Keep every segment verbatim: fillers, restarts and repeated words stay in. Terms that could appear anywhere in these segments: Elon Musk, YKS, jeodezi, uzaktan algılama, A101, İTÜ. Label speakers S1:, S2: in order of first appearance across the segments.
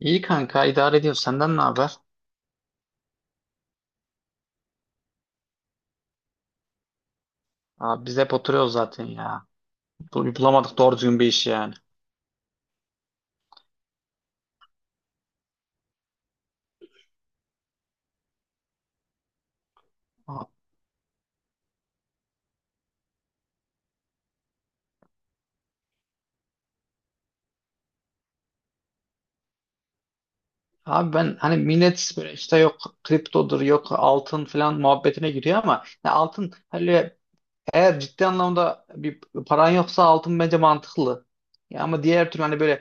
S1: İyi kanka, idare ediyor. Senden ne haber? Abi biz hep oturuyoruz zaten ya. Bu- Bulamadık doğru düzgün bir iş yani. Abi abi ben, hani millet böyle işte yok kriptodur, yok altın falan muhabbetine giriyor ama ya altın, hani eğer ciddi anlamda bir paran yoksa altın bence mantıklı. Ya ama diğer türlü hani böyle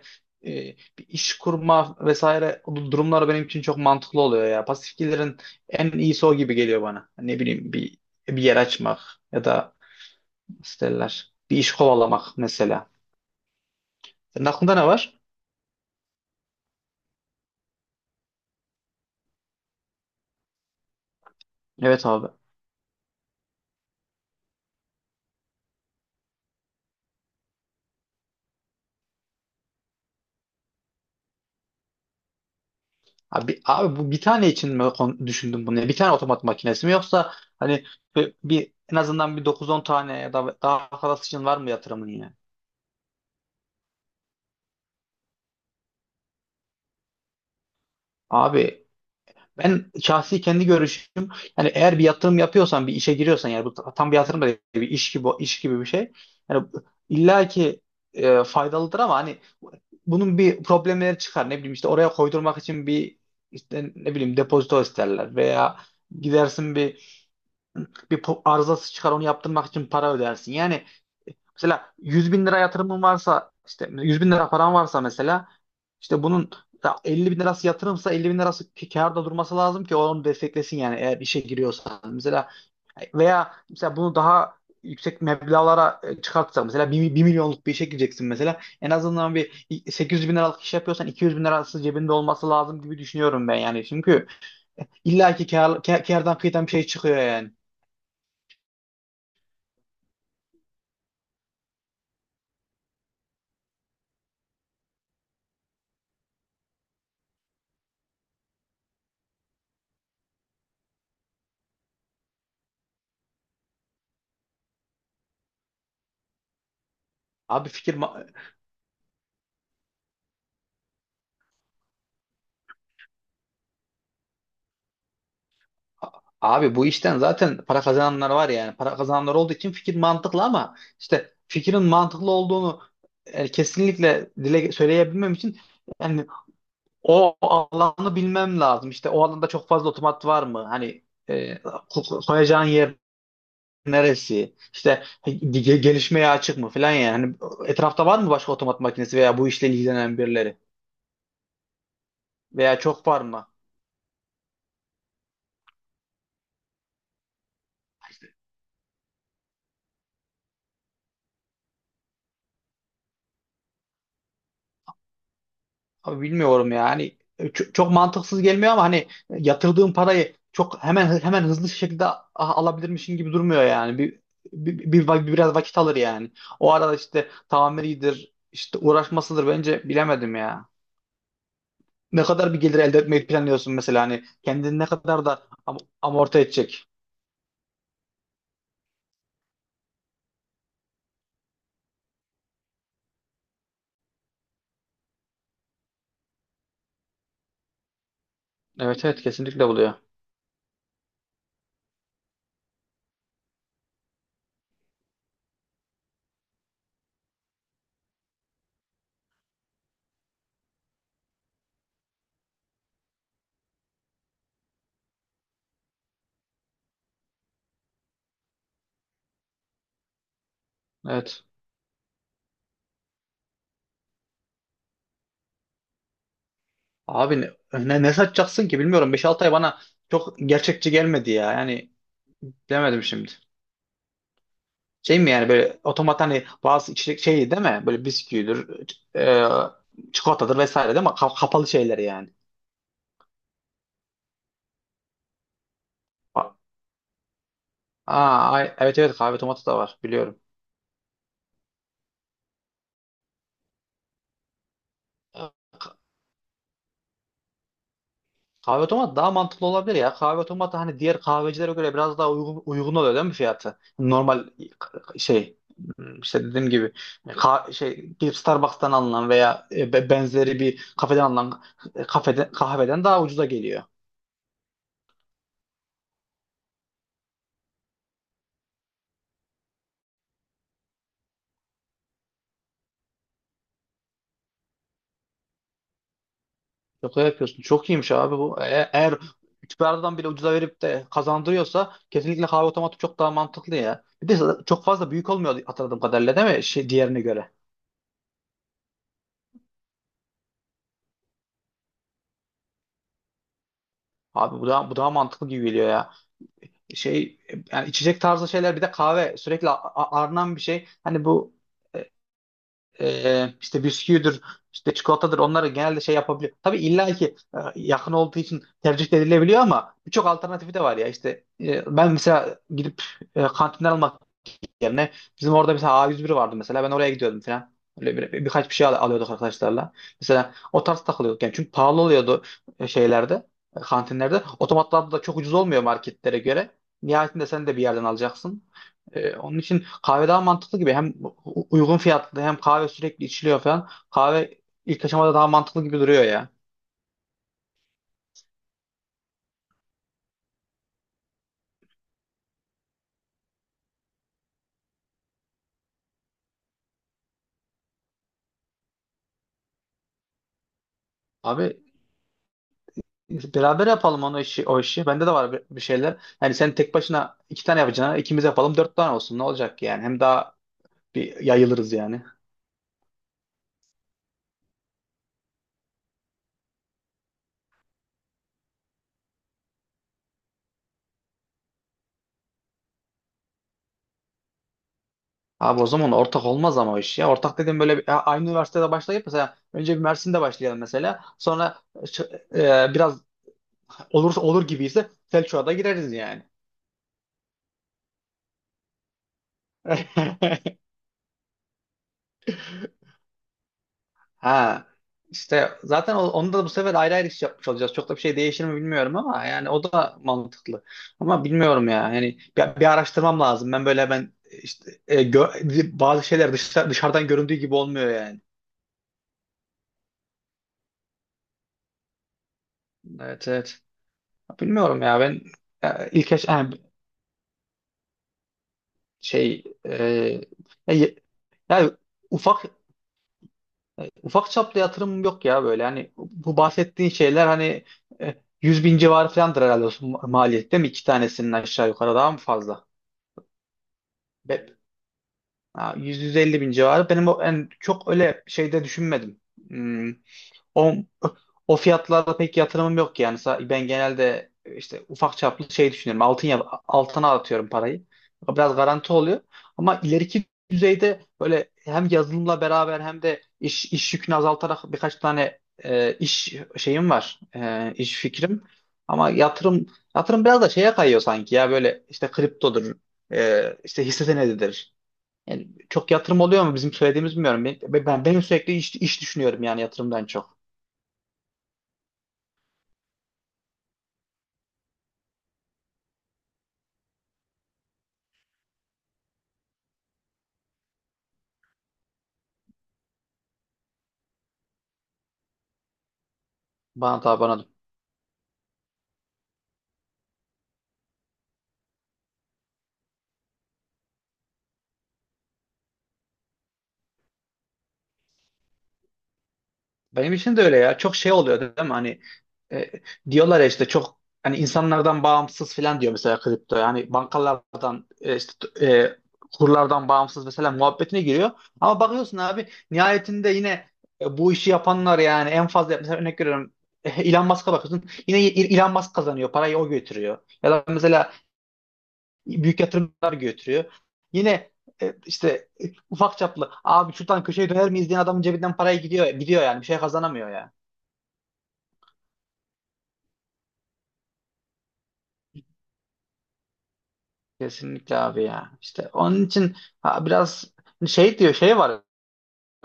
S1: e, bir iş kurma vesaire durumları benim için çok mantıklı oluyor ya. Pasif gelirin en iyisi o gibi geliyor bana. Ne bileyim, bir bir yer açmak ya da nasıl derler? Bir iş kovalamak mesela. Senin aklında ne var? Evet abi. Abi, abi, bu bir tane için mi kon- düşündün bunu? Yani bir tane otomat makinesi mi, yoksa hani bir, bir- en azından bir dokuz on tane ya da daha fazlası için var mı yatırımın yine? Abi, ben şahsi kendi görüşüm, yani eğer bir yatırım yapıyorsan, bir işe giriyorsan, yani bu tam bir yatırım da değil, bir iş gibi, iş gibi bir şey. Yani illa ki e, faydalıdır ama hani bunun bir problemleri çıkar. Ne bileyim, işte oraya koydurmak için bir, işte ne bileyim, depozito isterler veya gidersin, bir bir po- arızası çıkar, onu yaptırmak için para ödersin. Yani mesela yüz bin lira yatırımın varsa, işte yüz bin lira paran varsa mesela, işte bunun da elli bin lirası yatırımsa, elli bin lirası kâ- kârda durması lazım ki onu desteklesin, yani eğer işe giriyorsan. Mesela veya mesela bunu daha yüksek meblağlara e, çıkartsak, mesela bir milyonluk bir işe gireceksin, mesela en azından bir sekiz yüz bin liralık iş yapıyorsan iki yüz bin lirası cebinde olması lazım gibi düşünüyorum ben, yani çünkü illaki kâr, kâ- kârdan kıyıdan bir şey çıkıyor yani. Abi fikir ma- abi bu işten zaten para kazananlar var yani. Para kazananlar olduğu için fikir mantıklı, ama işte fikrin mantıklı olduğunu e, kesinlikle dile söyleyebilmem için yani o alanı bilmem lazım. İşte o alanda çok fazla otomat var mı? Hani e, ko- koyacağın yer neresi? İşte ge- gelişmeye açık mı falan yani. Hani etrafta var mı başka otomat makinesi veya bu işle ilgilenen birileri? Veya çok var mı? Abi bilmiyorum ya. Hani çok, çok mantıksız gelmiyor, ama hani yatırdığın parayı çok hemen hemen hızlı şekilde a- alabilirmişin gibi durmuyor yani. Bir, bir, bir- bir- biraz vakit alır yani. O arada işte tamiridir, işte uğraşmasıdır, bence bilemedim ya. Ne kadar bir gelir elde etmeyi planlıyorsun mesela, hani kendini ne kadar da am- amorti edecek. Evet evet, kesinlikle buluyor. Evet. Abi ne, ne, ne satacaksın ki, bilmiyorum. Beş altı ay bana çok gerçekçi gelmedi ya. Yani bilemedim şimdi. Şey mi yani, böyle otomat, hani bazı içecek şey değil mi? Böyle bisküvidir, e, çikolatadır vesaire değil mi? Ka- kapalı şeyler yani. Aa, ay- evet evet, kahve otomatı da var, biliyorum. Kahve otomat daha mantıklı olabilir ya. Kahve otomatı hani diğer kahvecilere göre biraz daha uygun, uygun oluyor değil mi fiyatı? Normal şey, işte dediğim gibi, ka- şey, gidip Starbucks'tan alınan veya e, be- benzeri bir kafeden alınan kafeden, kahveden daha ucuza geliyor. Yok öyle yapıyorsun. Çok iyiymiş abi bu. E- Eğer Üsküdar'dan bile ucuza verip de kazandırıyorsa, kesinlikle kahve otomatı çok daha mantıklı ya. Bir de çok fazla büyük olmuyor hatırladığım kadarıyla, değil mi? Şey, diğerine göre. Abi bu daha, bu daha mantıklı gibi geliyor ya. Şey, yani içecek tarzı şeyler, bir de kahve sürekli a- a- aranan bir şey. Hani bu e, e, işte bisküvidir, işte çikolatadır, onları genelde şey yapabiliyor. Tabii illa ki e, yakın olduğu için tercih edilebiliyor, ama birçok alternatifi de var ya. İşte e, ben mesela gidip e, kantinden almak yerine bizim orada mesela A yüz bir vardı, mesela ben oraya gidiyordum falan. Öyle bir, birkaç bir şey al- alıyorduk arkadaşlarla. Mesela o tarz takılıyorduk yani, çünkü pahalı oluyordu e, şeylerde, e, kantinlerde. Otomatlarda da çok ucuz olmuyor marketlere göre. Nihayetinde sen de bir yerden alacaksın. Ee, onun için kahve daha mantıklı gibi. Hem u- uygun fiyatlı, hem kahve sürekli içiliyor falan. Kahve ilk aşamada daha mantıklı gibi duruyor ya. Abi beraber yapalım onu işi, o işi. Bende de var bir bir şeyler. Yani sen tek başına iki tane yapacağına, ikimiz yapalım, dört tane olsun. Ne olacak yani? Hem daha bir yayılırız yani. Abi o zaman ortak olmaz ama o iş ya. Ortak dedim böyle bir- ya aynı üniversitede başlayıp mesela, önce bir Mersin'de başlayalım mesela. Sonra ç- e, biraz olursa, olur gibiyse Selçuk'a da gireriz yani. Ha, işte zaten o- onda da bu sefer ayrı ayrı iş yapmış olacağız. Çok da bir şey değişir mi bilmiyorum, ama yani o da mantıklı. Ama bilmiyorum ya. Yani bir, bir araştırmam lazım. Ben böyle ben işte e, gö- bazı şeyler dışarı, dışarıdan göründüğü gibi olmuyor yani. Evet evet. Bilmiyorum ya ben. Ya ilk yaş yani şey e, ya, ye- ya ufak e, ufak çaplı yatırım yok ya, böyle hani bu bahsettiğin şeyler hani e, yüz bin civarı falandır herhalde o maliyet, değil mi? İki tanesinin aşağı yukarı, daha mı fazla? Be, ha, yüz yüz elli bin civarı, benim o en çok öyle şeyde düşünmedim. Hmm, O, o fiyatlarda pek yatırımım yok yani. Sa- Ben genelde işte ufak çaplı şey düşünüyorum. Altın yap, altına atıyorum parayı. Biraz garanti oluyor. Ama ileriki düzeyde böyle hem yazılımla beraber, hem de iş, iş yükünü azaltarak birkaç tane e, iş şeyim var. E, iş fikrim. Ama yatırım yatırım biraz da şeye kayıyor sanki ya, böyle işte kriptodur, e, işte hisse senedidir. Yani çok yatırım oluyor mu bizim söylediğimiz, bilmiyorum. Ben, ben, ben sürekli iş, iş düşünüyorum yani, yatırımdan çok. Bana da, bana da. Benim için de öyle ya. Çok şey oluyor değil mi? Hani e, diyorlar ya işte, çok hani insanlardan bağımsız falan diyor mesela kripto. Yani bankalardan e, işte e, kurlardan bağımsız mesela muhabbetine giriyor. Ama bakıyorsun abi, nihayetinde yine e, bu işi yapanlar yani, en fazla mesela örnek veriyorum, e, Elon Musk'a bakıyorsun. Yine Elon Musk kazanıyor. Parayı o götürüyor. Ya da mesela büyük yatırımlar götürüyor. Yine e, işte e, ufak çaplı abi şuradan köşeye döner miyiz diyen adamın cebinden paraya gidiyor, gidiyor yani, bir şey kazanamıyor ya. Kesinlikle abi ya. İşte onun için, ha, biraz hani şey diyor şey var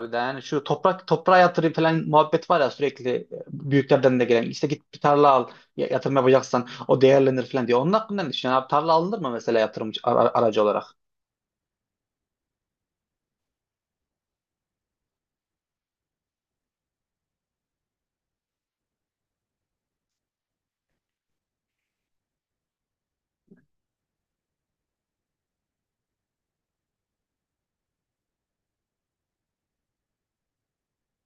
S1: bir de yani şu toprak, toprağa yatırayım falan muhabbet var ya sürekli, e, büyüklerden de gelen, işte git bir tarla al, ya- yatırım yapacaksan o değerlenir falan diyor. Onun hakkında ne düşünüyorsun abi, tarla alınır mı mesela yatırım ar- ar- aracı olarak?